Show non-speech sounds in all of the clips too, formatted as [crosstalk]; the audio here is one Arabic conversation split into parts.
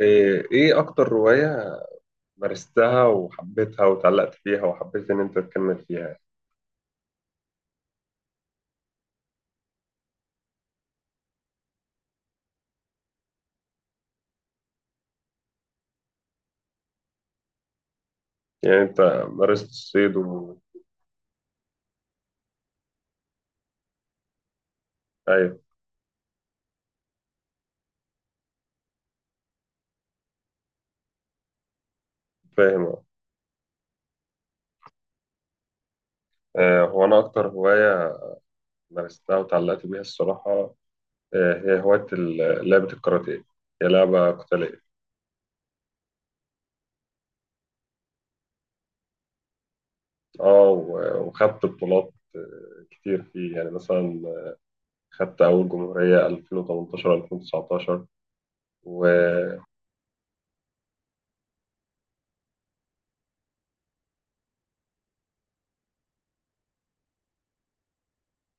إيه أكتر رواية مارستها وحبيتها وتعلقت فيها وحبيت إن أنت تكمل فيها؟ يعني أنت مارست الصيد و... أيوه، فاهم، أه. هو أنا أكتر هواية مارستها وتعلقت بيها الصراحة. هي هواية لعبة الكاراتيه، هي لعبة قتالية. أه و- وخدت بطولات، كتير فيه، يعني مثلا خدت أول جمهورية 2018 2019.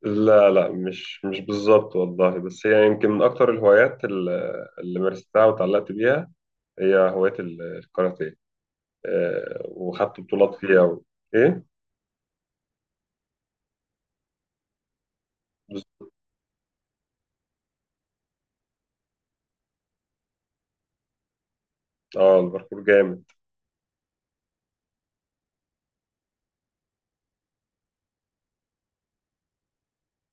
لا لا، مش بالظبط والله، بس هي يمكن من أكتر الهوايات اللي مارستها وتعلقت بيها، هي هواية الكاراتيه. وخدت بطولات فيها و... إيه؟ بس- آه، الباركور جامد.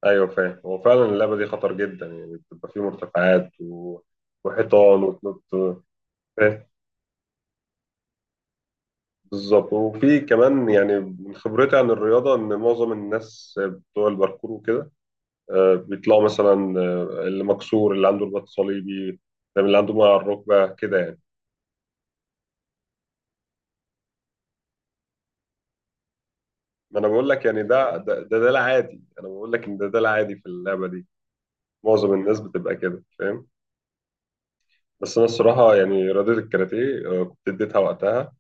أيوه، فاهم، هو فعلا اللعبة دي خطر جدا، يعني بتبقى فيه مرتفعات و... وحيطان وتنط. فاهم، بالظبط. وفي كمان يعني من خبرتي عن الرياضة، إن معظم الناس بتوع الباركور وكده بيطلعوا مثلا، اللي مكسور، اللي عنده رباط صليبي، فاهم، اللي عنده مويه على الركبه كده يعني. ما انا بقول لك يعني ده العادي. انا بقول لك ان ده العادي في اللعبه دي، معظم الناس بتبقى كده، فاهم. بس انا الصراحه يعني رياضه الكاراتيه كنت اديتها وقتها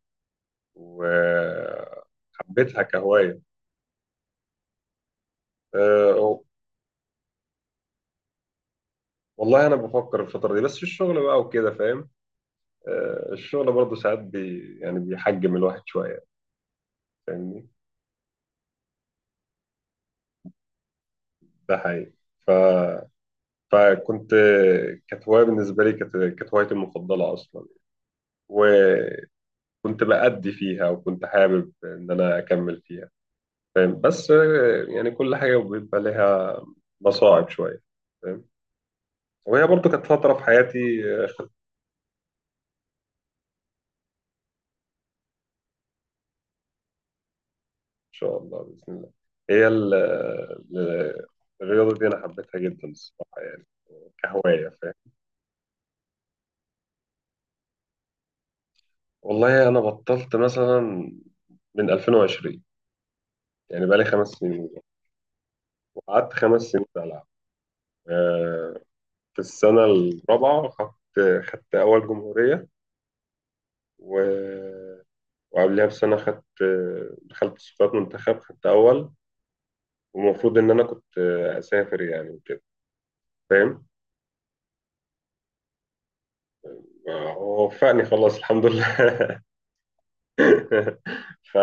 وحبيتها كهوايه. آه، والله انا بفكر الفتره دي، بس في الشغل بقى وكده، فاهم. الشغل برضه ساعات يعني بيحجم الواحد شويه. فاهمني؟ ده حقيقي. ف فكنت، كانت هواية بالنسبة لي، كانت هوايتي المفضلة أصلا، وكنت بأدي فيها، وكنت حابب إن أنا أكمل فيها، فاهم. بس يعني كل حاجة بيبقى لها مصاعب شوية، فاهم. وهي برضو كانت فترة في حياتي. إن شاء الله بإذن الله. هي ال- الرياضة دي أنا حبيتها جدا الصراحة، يعني كهواية، فاهم. والله أنا بطلت مثلا من 2020، يعني بقالي 5 سنين، وقعدت 5 سنين بلعب. في السنة الرابعة خدت أول جمهورية، و- وقبلها بسنة خدت، دخلت صفات منتخب، خدت أول. ومفروض إن أنا كنت أسافر، يعني وكده، فاهم. ووفقني خلاص، الحمد لله. [laughs] ف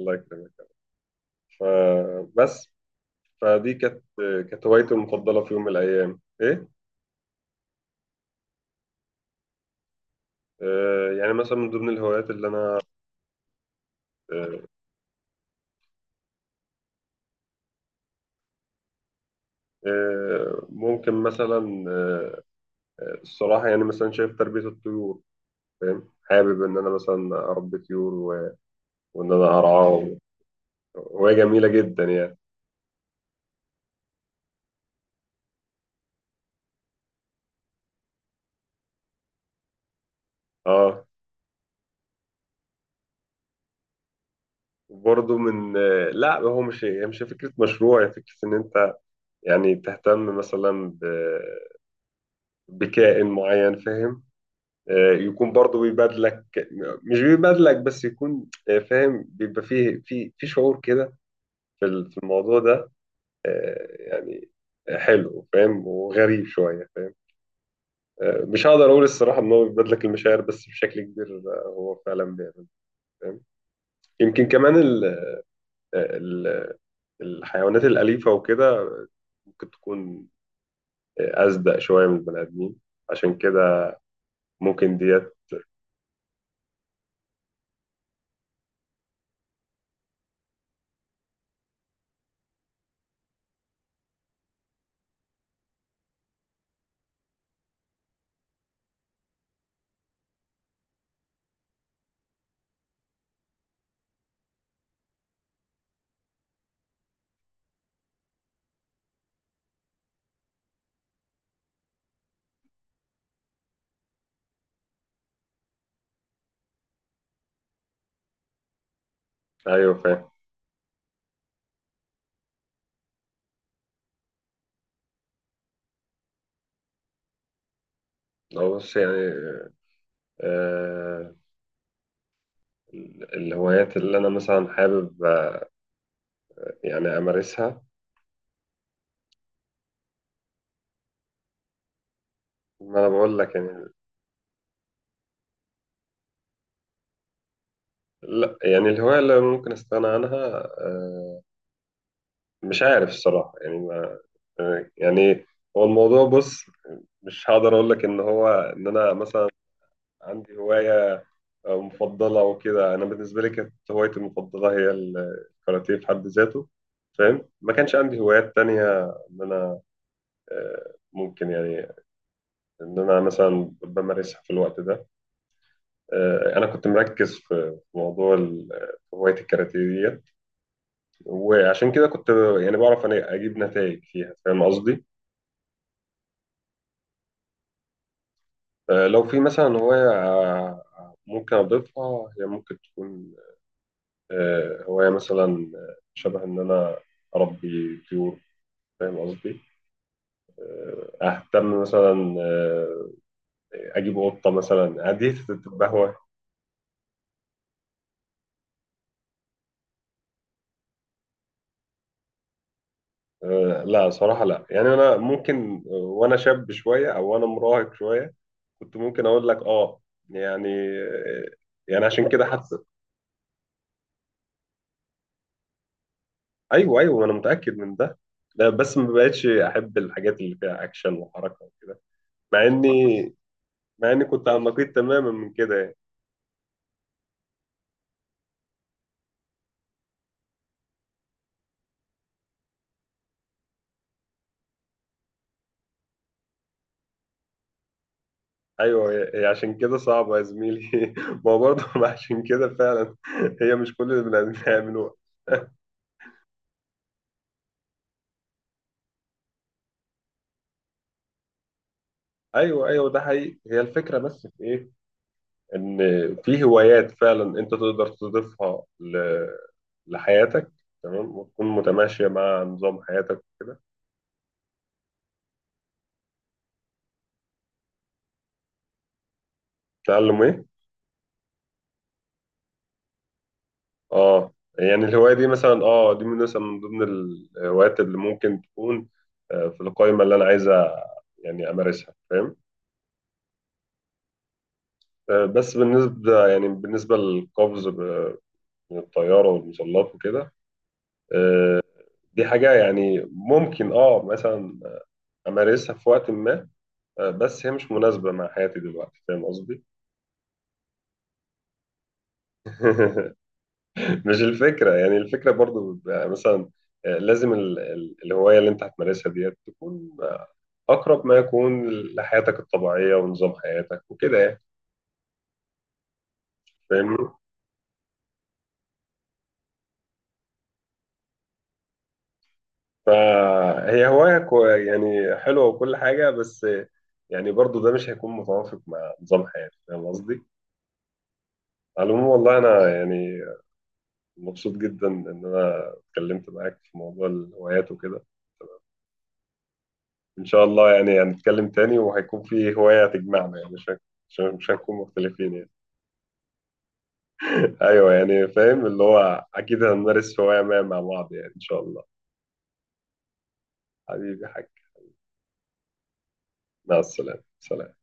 الله يكرمك. فبس، فدي كانت هوايتي المفضلة في يوم من الأيام، إيه. يعني مثلا من ضمن الهوايات اللي أنا، آه، ممكن مثلا، الصراحة يعني مثلا شايف تربية الطيور، فاهم. حابب ان انا مثلا اربي طيور و... وان انا ارعاهم، وهي جميله جدا يعني. اه. وبرضه من... لا، هو مش، هي مش فكره مشروع، هي فكره ان انت يعني تهتم مثلا ب... بكائن معين، فاهم. يكون برضه بيبادلك، مش بيبادلك بس، يكون فاهم، بيبقى فيه في شعور كده، في الموضوع ده. يعني حلو، فاهم، وغريب شويه، فاهم. مش هقدر اقول الصراحه ان هو بيبادلك لك المشاعر، بس بشكل كبير هو فعلا بيعمل، فاهم. يمكن كمان ال ال الحيوانات الاليفه وكده ممكن تكون اصدق شويه من البني ادمين، عشان كده ممكن ديت. ايوه، فاهم. هو بص يعني، آه الهوايات اللي انا مثلا حابب، يعني امارسها. ما انا بقول لك يعني. لا، يعني الهوايه اللي ممكن استغنى عنها، آه، مش عارف الصراحه يعني. تمام. يعني هو الموضوع بص، مش هقدر اقول لك ان هو، ان انا مثلا عندي هوايه مفضله وكده. انا بالنسبه لي كانت هوايتي المفضله هي الكاراتيه في حد ذاته، فاهم. ما كانش عندي هوايات تانية ان انا ممكن، يعني ان انا مثلا بمارسها في الوقت ده. انا كنت مركز في موضوع في هوايه الكاراتيه ديت، وعشان كده كنت يعني بعرف أنا اجيب نتائج فيها، فاهم قصدي؟ لو في مثلا هواية ممكن أضيفها، هي ممكن تكون هواية مثلا شبه إن أنا أربي طيور، فاهم قصدي؟ أهتم مثلا، أجيب قطة مثلا، دي تبقى هواية. لا صراحة لا، يعني أنا ممكن وأنا شاب شوية، أو وأنا مراهق شوية، كنت ممكن أقول لك آه، يعني آه، يعني عشان كده حتى. أيوه، أيوه، أنا متأكد من ده. لا بس ما بقتش أحب الحاجات اللي فيها أكشن وحركة وكده. مع اني مع اني كنت على النقيض تماما من كده يعني. ايوه، هي عشان كده صعبه يا زميلي [laughs] ما هو برضه [laughs] عشان كده فعلا هي مش كل البني ادمين هيعملوها. ايوه، ايوه، ده حقيقي، هي الفكره بس في ايه؟ ان في هوايات فعلا انت تقدر تضيفها ل... لحياتك، تمام، وتكون متماشيه مع نظام حياتك وكده. تعلم ايه؟ اه، يعني الهوايه دي مثلا، اه دي من مثلا من ضمن الهوايات اللي ممكن تكون في القائمه اللي انا عايزه يعني امارسها، فاهم. بس بالنسبة، يعني بالنسبة للقفز من الطيارة والمظلات وكده، آه، دي حاجة يعني ممكن، مثلا أمارسها في وقت ما، بس هي مش مناسبة مع حياتي دلوقتي، فاهم قصدي؟ [laughs] مش الفكرة، يعني الفكرة برضو بيبقى مثلا، لازم الهواية اللي أنت هتمارسها ديت تكون أقرب ما يكون لحياتك الطبيعية ونظام حياتك وكده يعني. فاهمني؟ فهي هواية يعني حلوة وكل حاجة، بس يعني برضو ده مش هيكون متوافق مع نظام حياتي، فاهم قصدي؟ على العموم، والله أنا يعني مبسوط جدا إن أنا اتكلمت معاك في موضوع الهوايات وكده. إن شاء الله يعني هنتكلم تاني، وهيكون في هواية تجمعنا، يعني مش هنكون مختلفين يعني. [laughs] أيوه، يعني فاهم اللي هو، أكيد هنمارس هواية ما مع بعض، يعني إن شاء الله. حبيبي حاج. مع السلامة، سلام.